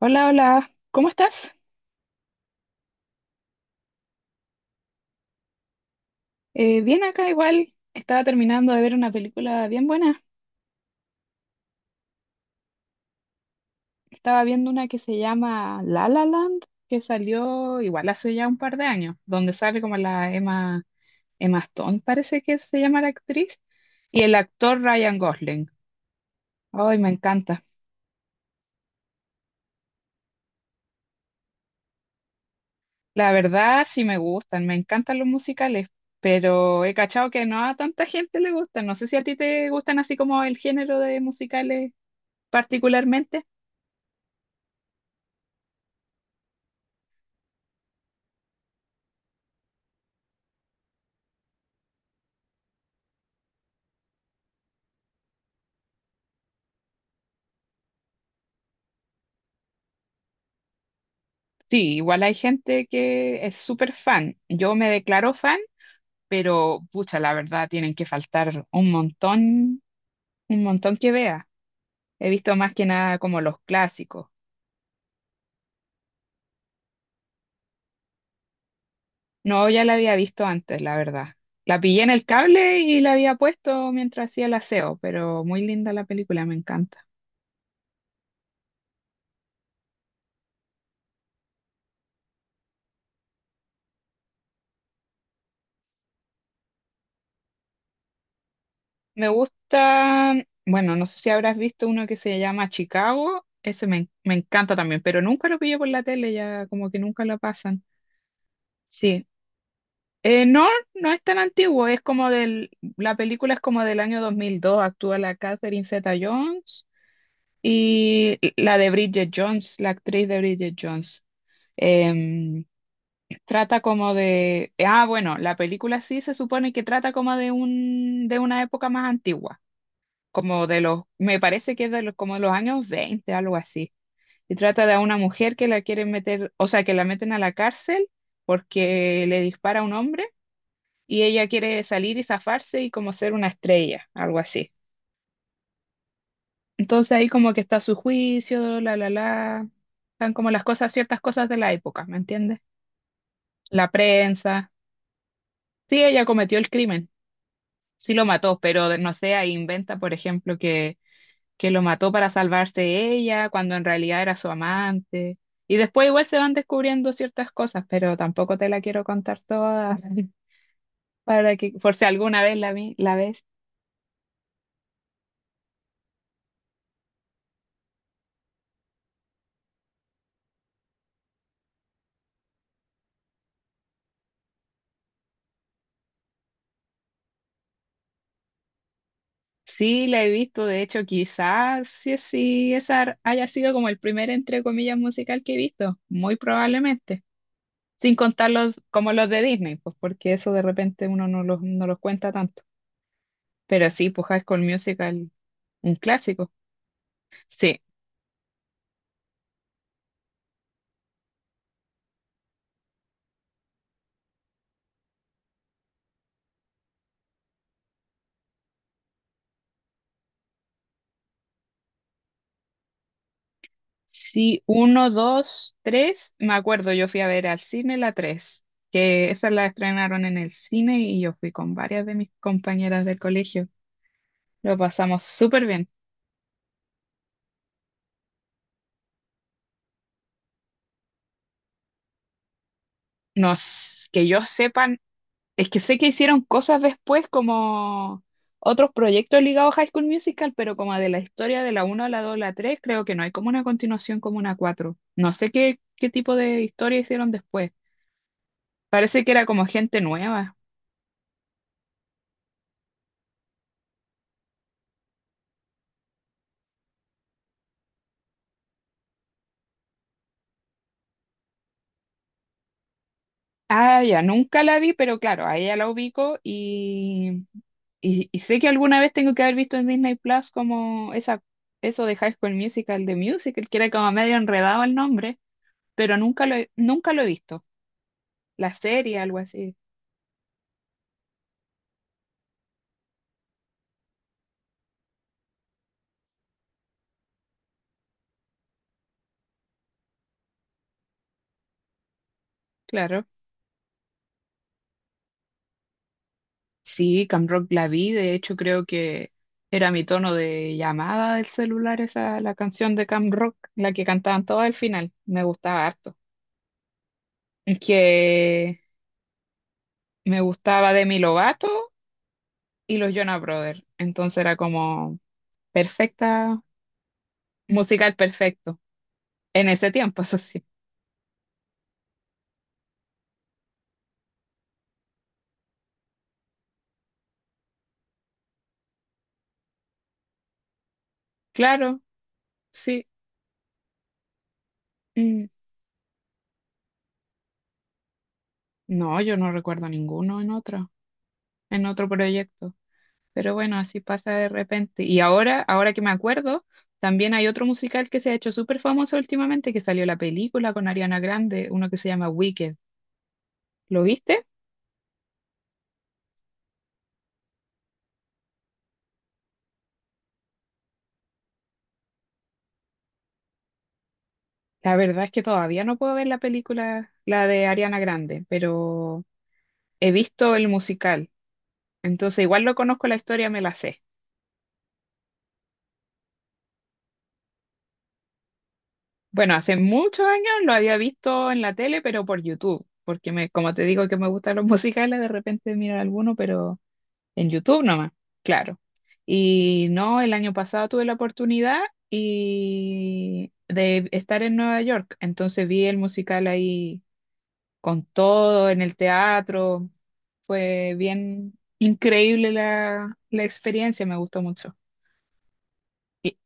Hola, hola, ¿cómo estás? Bien acá igual, estaba terminando de ver una película bien buena. Estaba viendo una que se llama La La Land, que salió igual hace ya un par de años, donde sale como Emma Stone, parece que se llama la actriz, y el actor Ryan Gosling. Ay, me encanta. La verdad sí me gustan, me encantan los musicales, pero he cachado que no a tanta gente le gustan. No sé si a ti te gustan así como el género de musicales particularmente. Sí, igual hay gente que es súper fan. Yo me declaro fan, pero pucha, la verdad tienen que faltar un montón que vea. He visto más que nada como los clásicos. No, ya la había visto antes, la verdad. La pillé en el cable y la había puesto mientras hacía el aseo, pero muy linda la película, me encanta. Me gusta, bueno, no sé si habrás visto uno que se llama Chicago, ese me encanta también, pero nunca lo pillé por la tele, ya como que nunca lo pasan. Sí. No, no es tan antiguo, es la película es como del año 2002, actúa la Catherine Zeta-Jones y la de Bridget Jones, la actriz de Bridget Jones. Em, Trata como de, bueno, la película sí se supone que trata como de una época más antigua, me parece que como de los años 20, algo así. Y trata de una mujer que la quieren meter, o sea, que la meten a la cárcel porque le dispara a un hombre y ella quiere salir y zafarse y como ser una estrella, algo así. Entonces ahí como que está su juicio, están como las cosas, ciertas cosas de la época, ¿me entiendes? La prensa. Sí, ella cometió el crimen, sí lo mató, pero no sé, ahí inventa, por ejemplo, que lo mató para salvarse ella, cuando en realidad era su amante. Y después igual se van descubriendo ciertas cosas, pero tampoco te la quiero contar toda. Para que, por si alguna vez la ves. Sí, la he visto, de hecho, quizás sí, sí, esa haya sido como el primer, entre comillas, musical que he visto, muy probablemente, sin contar como los de Disney, pues porque eso de repente uno no los cuenta tanto. Pero sí, pues High School Musical, un clásico. Sí, sí, uno, dos, tres, me acuerdo, yo fui a ver al cine la tres, que esa la estrenaron en el cine y yo fui con varias de mis compañeras del colegio, lo pasamos súper bien. Nos Que yo sepa, es que sé que hicieron cosas después como otros proyectos ligados a High School Musical, pero como de la historia de la uno a la 2 a la 3, creo que no hay como una continuación como una 4. No sé qué tipo de historia hicieron después. Parece que era como gente nueva. Ah, ya, nunca la vi, pero claro, a ella la ubico y sé que alguna vez tengo que haber visto en Disney Plus como esa, eso de High School Musical, de Musical, que era como medio enredado el nombre, pero nunca lo he visto. La serie, algo así, claro. Sí, Camp Rock la vi, de hecho creo que era mi tono de llamada del celular esa, la canción de Camp Rock, la que cantaban todos al final, me gustaba harto. Es que me gustaba Demi Lovato y los Jonas Brothers, entonces era como perfecta, musical perfecto, en ese tiempo, eso sí. Claro, sí. Mm. No, yo no recuerdo ninguno en otro proyecto. Pero bueno, así pasa de repente. Y ahora, ahora que me acuerdo, también hay otro musical que se ha hecho súper famoso últimamente, que salió la película con Ariana Grande, uno que se llama Wicked. ¿Lo viste? La verdad es que todavía no puedo ver la película, la de Ariana Grande, pero he visto el musical. Entonces, igual lo conozco la historia, me la sé. Bueno, hace muchos años lo había visto en la tele, pero por YouTube, porque me, como te digo que me gustan los musicales, de repente mirar alguno, pero. En YouTube nomás, claro. Y no, el año pasado tuve la oportunidad y de estar en Nueva York, entonces vi el musical ahí con todo, en el teatro. Fue bien increíble la experiencia, me gustó mucho. Y,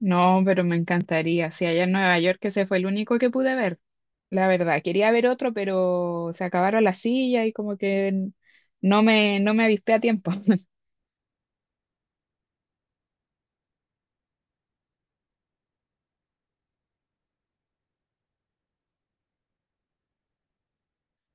no, pero me encantaría. Si allá en Nueva York ese fue el único que pude ver, la verdad. Quería ver otro, pero se acabaron las sillas y como que no me avispé a tiempo.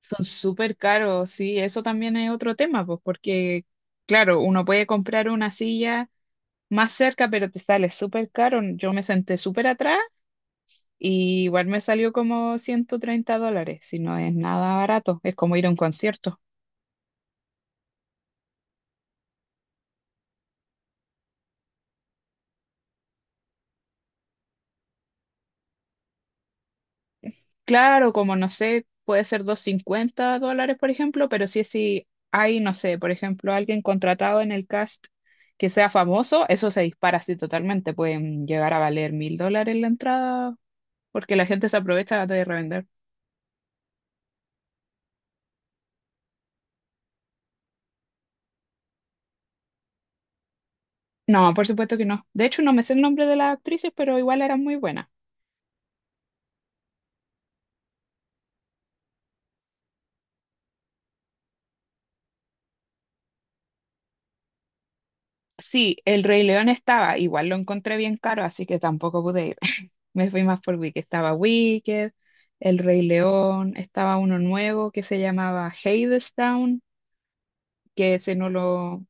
Son súper caros, sí, eso también es otro tema, pues, porque, claro, uno puede comprar una silla más cerca, pero te sale súper caro. Yo me senté súper atrás y igual me salió como $130, si no es nada barato, es como ir a un concierto. Claro, como no sé, puede ser $250, por ejemplo, pero sí, si hay, no sé, por ejemplo, alguien contratado en el cast que sea famoso, eso se dispara así totalmente, pueden llegar a valer $1.000 la entrada porque la gente se aprovecha de revender. No, por supuesto que no. De hecho, no me sé el nombre de las actrices, pero igual eran muy buenas. Sí, El Rey León estaba, igual lo encontré bien caro, así que tampoco pude ir. Me fui más por Wicked. Estaba Wicked, El Rey León, estaba uno nuevo que se llamaba Hadestown, que ese no lo,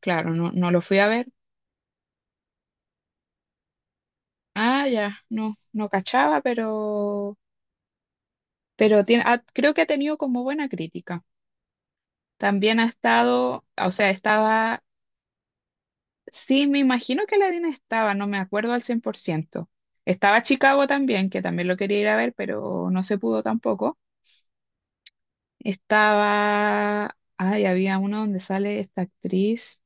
claro, no, no lo fui a ver. Ah, ya, no, no cachaba, pero tiene, creo que ha tenido como buena crítica. También ha estado, o sea, estaba. Sí, me imagino que la harina estaba, no me acuerdo al 100%. Estaba Chicago también, que también lo quería ir a ver, pero no se pudo tampoco. Estaba, ay, había uno donde sale esta actriz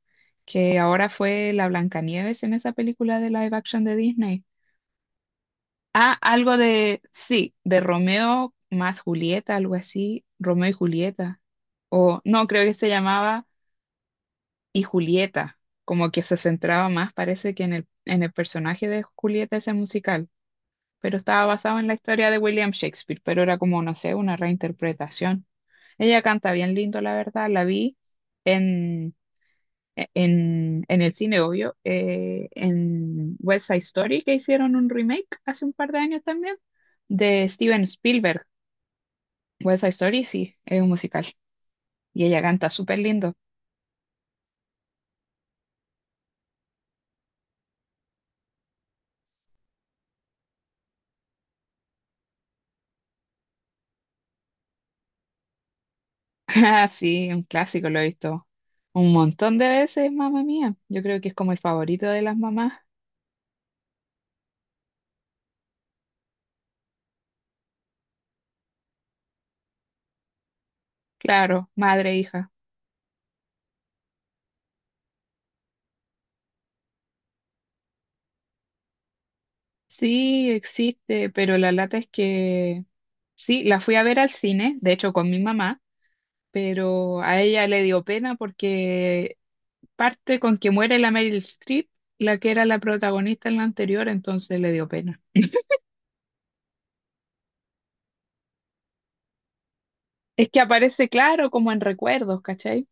que ahora fue la Blancanieves en esa película de live action de Disney. Algo de, sí, de Romeo más Julieta, algo así, Romeo y Julieta. O no, creo que se llamaba y Julieta, como que se centraba más, parece que en el personaje de Julieta ese musical, pero estaba basado en la historia de William Shakespeare, pero era como, no sé, una reinterpretación. Ella canta bien lindo, la verdad, la vi en, en el cine, obvio, en West Side Story, que hicieron un remake hace un par de años también, de Steven Spielberg. West Side Story, sí, es un musical. Y ella canta súper lindo. Ah, sí, un clásico, lo he visto un montón de veces, Mamá Mía. Yo creo que es como el favorito de las mamás. Claro, madre, e hija. Sí, existe, pero la lata es que sí, la fui a ver al cine, de hecho con mi mamá, pero a ella le dio pena porque parte con que muere la Meryl Streep, la que era la protagonista en la anterior, entonces le dio pena. Es que aparece claro como en recuerdos, ¿cachai?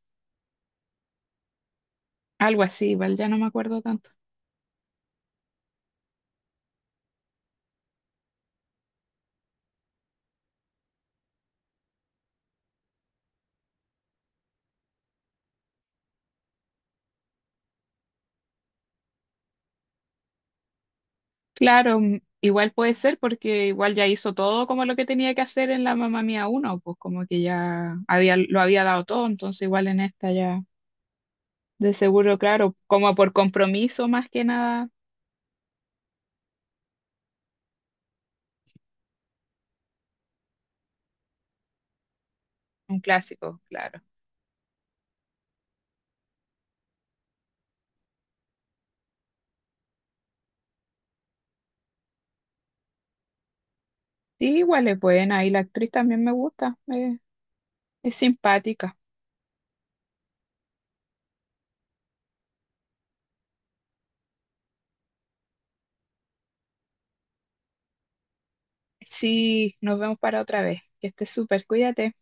Algo así, vale, ya no me acuerdo tanto. Claro, igual puede ser porque igual ya hizo todo como lo que tenía que hacer en la Mamá Mía uno, pues como que ya había, lo había dado todo, entonces igual en esta ya de seguro, claro, como por compromiso más que nada, un clásico, claro. Sí, igual es buena y la actriz también me gusta, es simpática. Sí, nos vemos para otra vez. Que estés súper, cuídate.